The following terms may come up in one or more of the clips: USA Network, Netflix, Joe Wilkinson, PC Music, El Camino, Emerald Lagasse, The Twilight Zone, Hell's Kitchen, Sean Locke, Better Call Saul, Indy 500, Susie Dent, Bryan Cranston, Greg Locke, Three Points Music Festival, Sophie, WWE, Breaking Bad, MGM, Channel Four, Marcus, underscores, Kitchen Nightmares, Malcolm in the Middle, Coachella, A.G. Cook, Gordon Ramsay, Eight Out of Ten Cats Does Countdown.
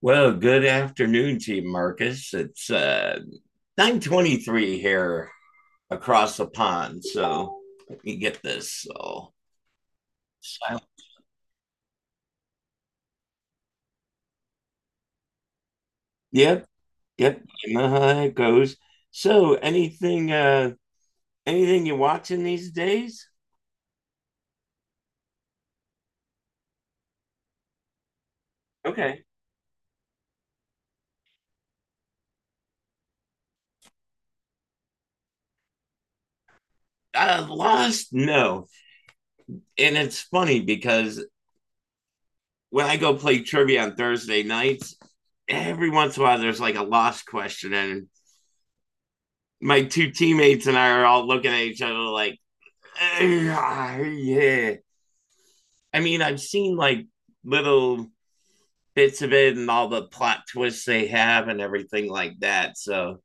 Well, good afternoon to you, Marcus. It's 9:23 here across the pond. So let me get this. So, so- yep, yep. You know how it goes. So anything you watching these days? Okay. Lost? No. And it's funny because when I go play trivia on Thursday nights, every once in a while there's like a lost question and my two teammates and I are all looking at each other like Yeah, yeah. I mean, I've seen like little bits of it and all the plot twists they have and everything like that. So,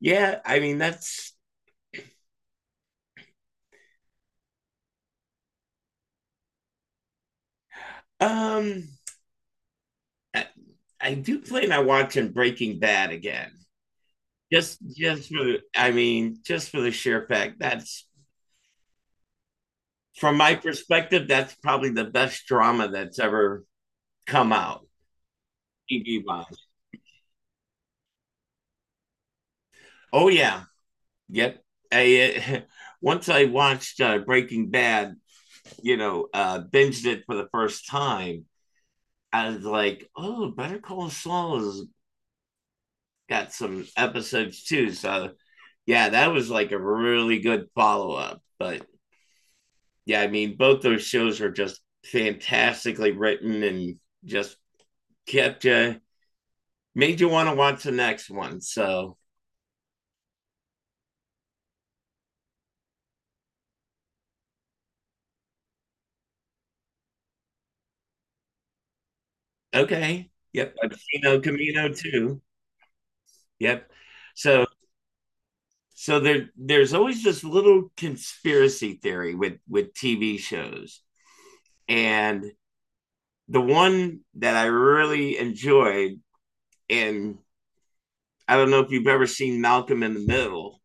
yeah, I mean, that's um I, I do plan on watching Breaking Bad again. Just for the, I mean, just for the sheer fact that's, from my perspective, that's probably the best drama that's ever come out, TV wise. Oh yeah. Yep. I, uh, Once I watched Breaking Bad, binged it for the first time, I was like, oh, Better Call Saul has got some episodes too. So, yeah, that was like a really good follow up. But yeah, I mean, both those shows are just fantastically written and just kept you, made you want to watch the next one. So, okay. Yep. I've seen El Camino too. Yep. So, so there's always this little conspiracy theory with TV shows. And the one that I really enjoyed, and I don't know if you've ever seen Malcolm in the Middle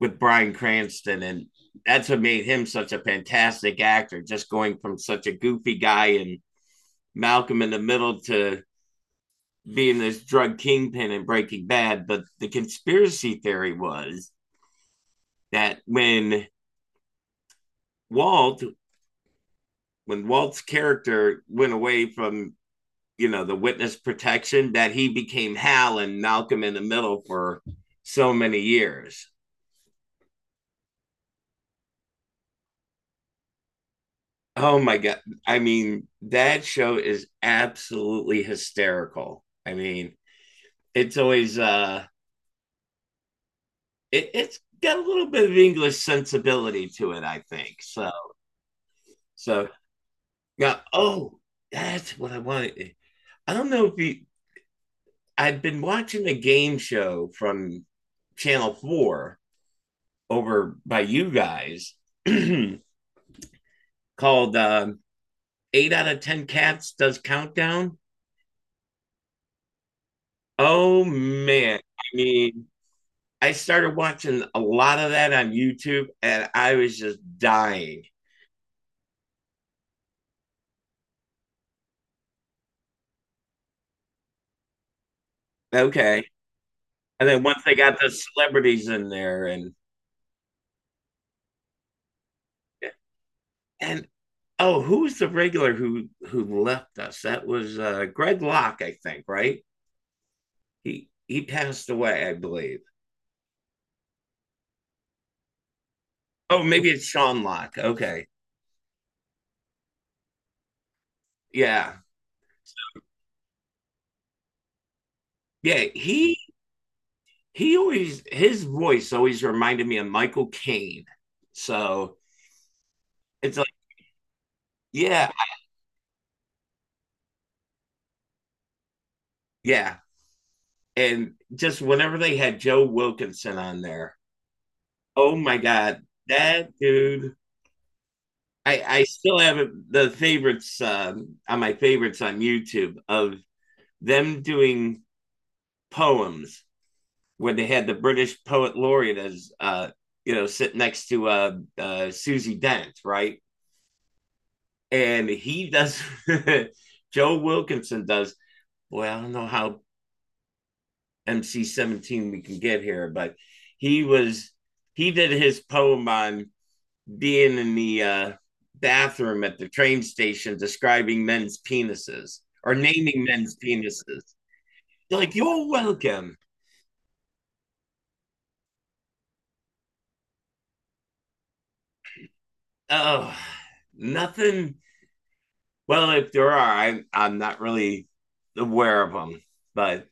with Bryan Cranston, and that's what made him such a fantastic actor, just going from such a goofy guy in Malcolm in the Middle to being this drug kingpin in Breaking Bad. But the conspiracy theory was that Walt, when Walt's character went away from the witness protection, that he became Hal and Malcolm in the Middle for so many years. Oh my god! I mean, that show is absolutely hysterical. I mean, it's always it's got a little bit of English sensibility to it, I think. So, so now, oh, that's what I wanted. I don't know if you. I've been watching a game show from Channel Four over by you guys. called Eight Out of Ten Cats Does Countdown. Oh man, I mean, I started watching a lot of that on YouTube, and I was just dying. Okay, and then once they got the celebrities in there, and oh, who was the regular who left us? That was Greg Locke, I think. Right? He passed away, I believe. Oh, maybe it's Sean Locke. Okay, yeah, yeah. He always his voice always reminded me of Michael Caine. So it's like, yeah, yeah. And just whenever they had Joe Wilkinson on there, oh my God, that dude. I still have the favorites, on my favorites on YouTube of them doing poems where they had the British poet laureate as sit next to Susie Dent, right? And he does, Joe Wilkinson does, well, I don't know how MC 17 we can get here, but he was he did his poem on being in the bathroom at the train station describing men's penises or naming men's penises. They're like, you're welcome. Oh, nothing. Well, if there are, I'm not really aware of them, but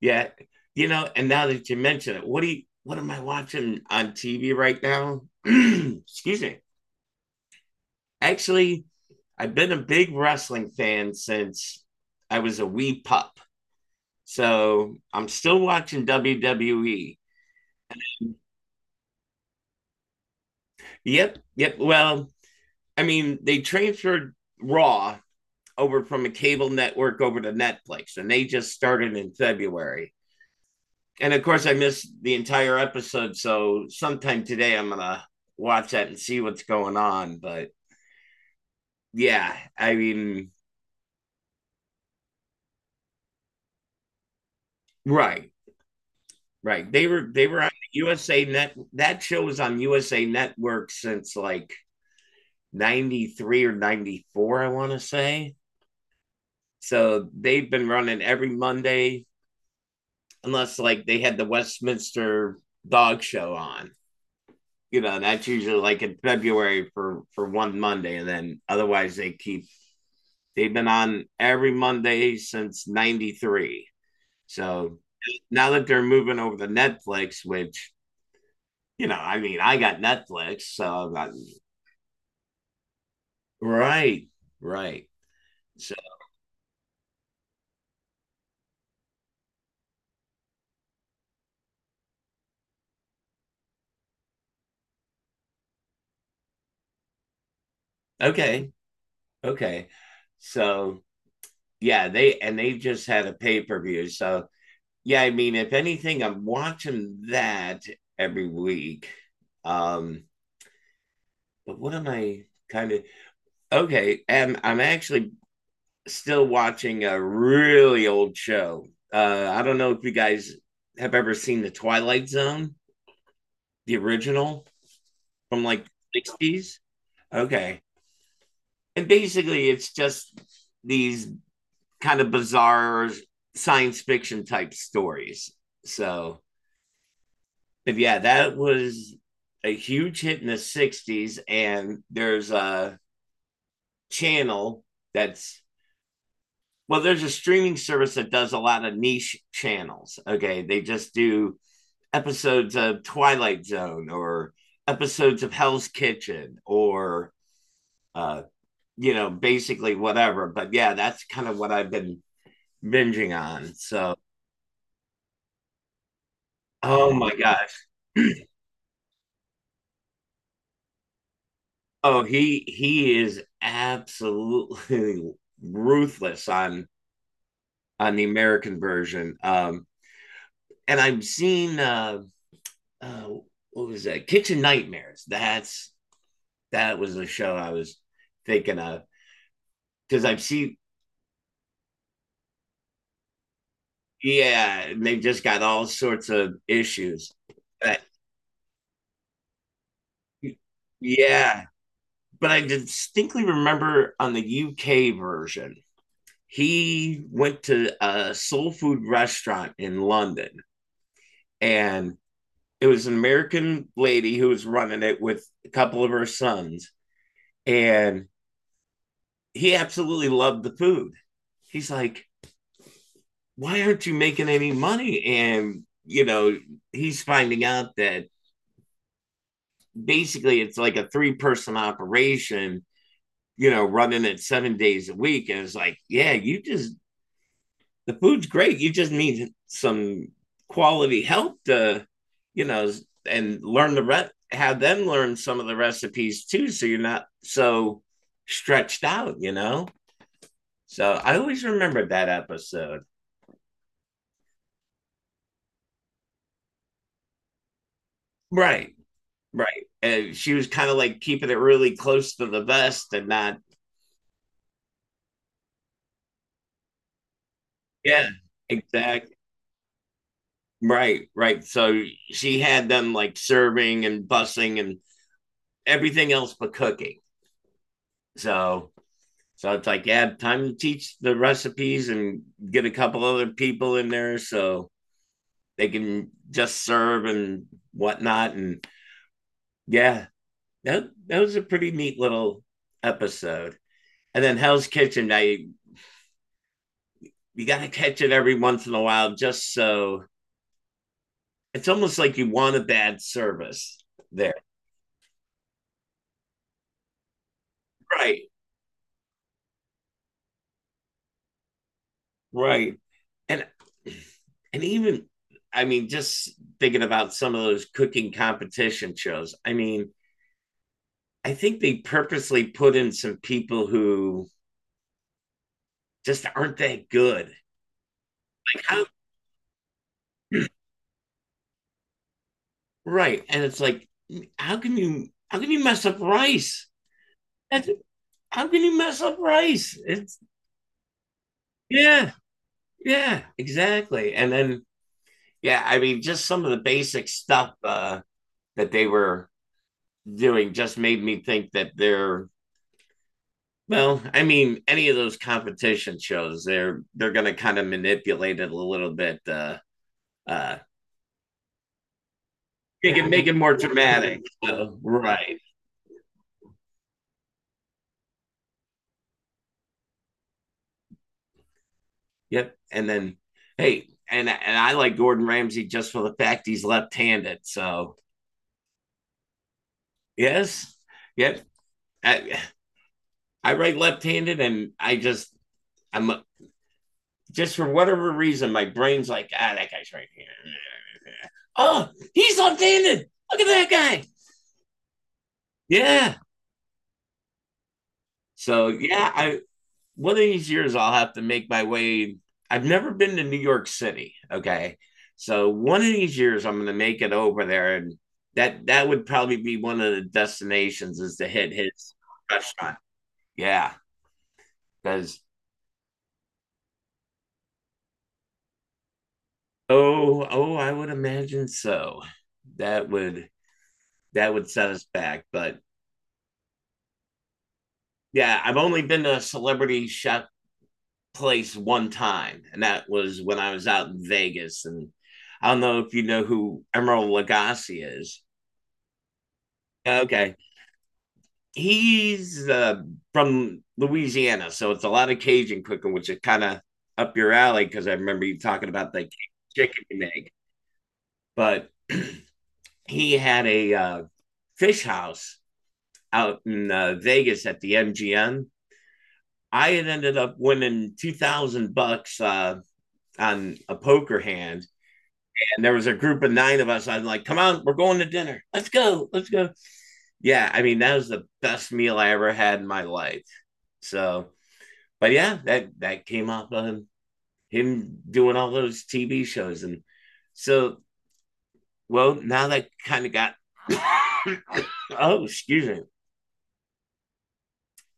yeah. And now that you mention it, what am I watching on TV right now? Excuse me. Actually, I've been a big wrestling fan since I was a wee pup. So I'm still watching WWE. Yep, yep. Well, I mean, they transferred Raw over from a cable network over to Netflix, and they just started in February. And of course, I missed the entire episode. So sometime today, I'm going to watch that and see what's going on. But yeah, I mean, right. Right. They were on the USA Net. That show was on USA Network since like '93 or '94, I want to say. So they've been running every Monday, unless like they had the Westminster Dog Show on. You know, that's usually like in February for one Monday, and then otherwise they keep. They've been on every Monday since '93. So now that they're moving over to Netflix, which, I mean, I got Netflix, so I, right, right. So okay, okay. So yeah, they and they just had a pay per view. So yeah, I mean, if anything, I'm watching that every week. Um, but what am I kind of okay? And I'm actually still watching a really old show. I don't know if you guys have ever seen The Twilight Zone, the original from like the 60s. Okay. And basically it's just these kind of bizarre science fiction type stories. So, but yeah, that was a huge hit in the 60s. And there's a channel that's, well, there's a streaming service that does a lot of niche channels. Okay. They just do episodes of Twilight Zone or episodes of Hell's Kitchen or, uh, basically whatever. But yeah, that's kind of what I've been binging on. So, oh my gosh. Oh, he is absolutely ruthless on the American version. And I've seen uh, what was that? Kitchen Nightmares. That was the show I was thinking of because I've seen. Yeah, and they've just got all sorts of issues. But, yeah, but I distinctly remember on the UK version he went to a soul food restaurant in London, and it was an American lady who was running it with a couple of her sons, and he absolutely loved the food. He's like, "Why aren't you making any money?" And, he's finding out that basically it's like a three-person operation, running it 7 days a week. And it's like, yeah, you just the food's great. You just need some quality help to, you know, and learn the have them learn some of the recipes too, so you're not so stretched out. So I always remembered that episode. Right, right. And she was kind of like keeping it really close to the vest and not. Yeah, exactly. Right, right. So she had them like serving and bussing and everything else but cooking. So So it's like, yeah, time to teach the recipes and get a couple other people in there so they can just serve and whatnot. And yeah, that was a pretty neat little episode. And then Hell's Kitchen, I you gotta catch it every once in a while just so it's almost like you want a bad service there. Right. Right. And and even I mean, just thinking about some of those cooking competition shows. I mean, I think they purposely put in some people who just aren't that good. How, right. And it's like, how can you mess up rice? That's, how can you mess up rice? It's yeah, yeah, exactly. And then yeah, I mean, just some of the basic stuff that they were doing just made me think that they're, well, I mean, any of those competition shows, they're going to kind of manipulate it a little bit uh, Make it more dramatic. So, right. Yep. And then hey, and I like Gordon Ramsay just for the fact he's left-handed. So yes, yep. I, I write left-handed, and I'm just for whatever reason my brain's like, that guy's right here. Oh, he's left-handed. Look at that guy. Yeah. So yeah, I one of these years I'll have to make my way. I've never been to New York City. Okay. So one of these years I'm gonna make it over there, and that would probably be one of the destinations is to hit his restaurant. Yeah. Because oh I would imagine so. That would that would set us back. But yeah, I've only been to a celebrity chef place one time, and that was when I was out in Vegas. And I don't know if you know who Emerald Lagasse is. Okay. He's from Louisiana, so it's a lot of Cajun cooking, which is kind of up your alley because I remember you talking about the chicken you make. But he had a fish house out in Vegas at the MGM. I had ended up winning 2,000 bucks on a poker hand, and there was a group of nine of us. I'm like, "Come on, we're going to dinner. Let's go, let's go." Yeah, I mean that was the best meal I ever had in my life. So but yeah, that came off of him doing all those TV shows. And so, well, now that kind of got oh, excuse me.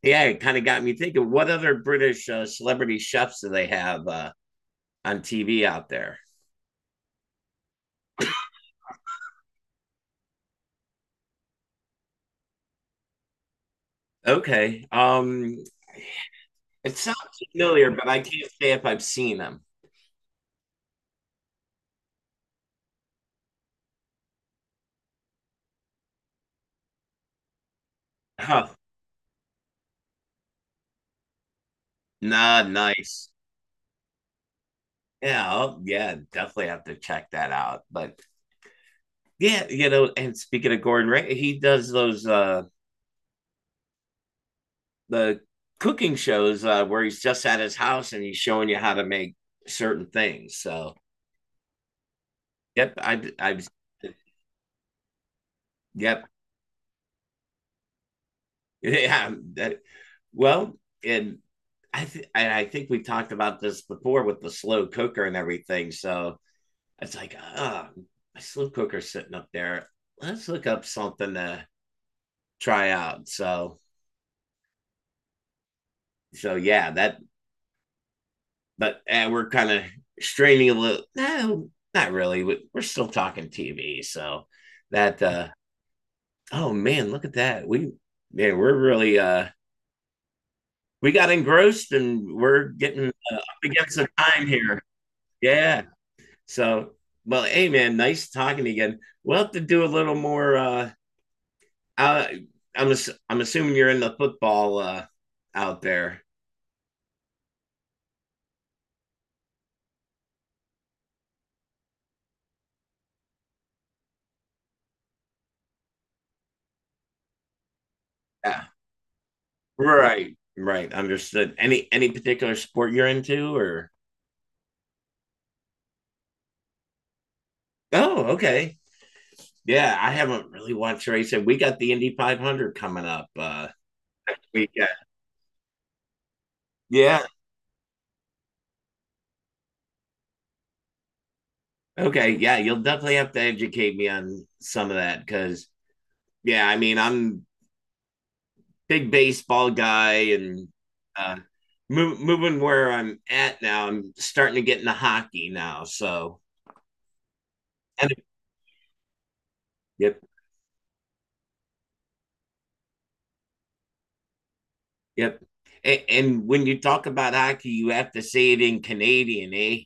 Yeah, it kind of got me thinking what other British celebrity chefs do they have on TV out there? Okay, it sounds familiar, but I can't say if I've seen them. Huh. Nah, nice. Yeah, I'll, yeah, definitely have to check that out. But yeah, and speaking of Gordon Ramsay, he does those the cooking shows, where he's just at his house and he's showing you how to make certain things. So yep, I yep yeah. That, well, and I think we talked about this before with the slow cooker and everything. So it's like oh, my slow cooker's sitting up there. Let's look up something to try out. So yeah, that but we're kind of straining a little. No, not really. We are still talking TV, so that. Oh man, look at that. We, man, we're really we got engrossed and we're getting up against the time here. Yeah. So, well, hey man, nice talking to you again. We'll have to do a little more. Uh, I'm I'm assuming you're in the football out there. Yeah. Right. Right. Understood. Any particular sport you're into or? Oh, okay. Yeah, I haven't really watched racing. We got the Indy 500 coming up weekend. Yeah. Okay. Yeah, you'll definitely have to educate me on some of that because yeah, I mean I'm big baseball guy and uh, moving where I'm at now. I'm starting to get into hockey now. So and yep, yep. And when you talk about hockey, you have to say it in Canadian, eh?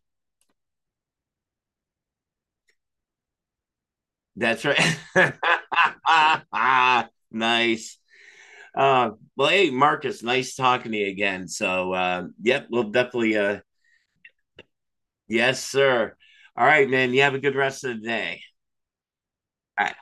That's right. nice. Uh, well, hey, Marcus, nice talking to you again. So, yep, we'll definitely, yes, sir. All right, man. You have a good rest of the day. All right.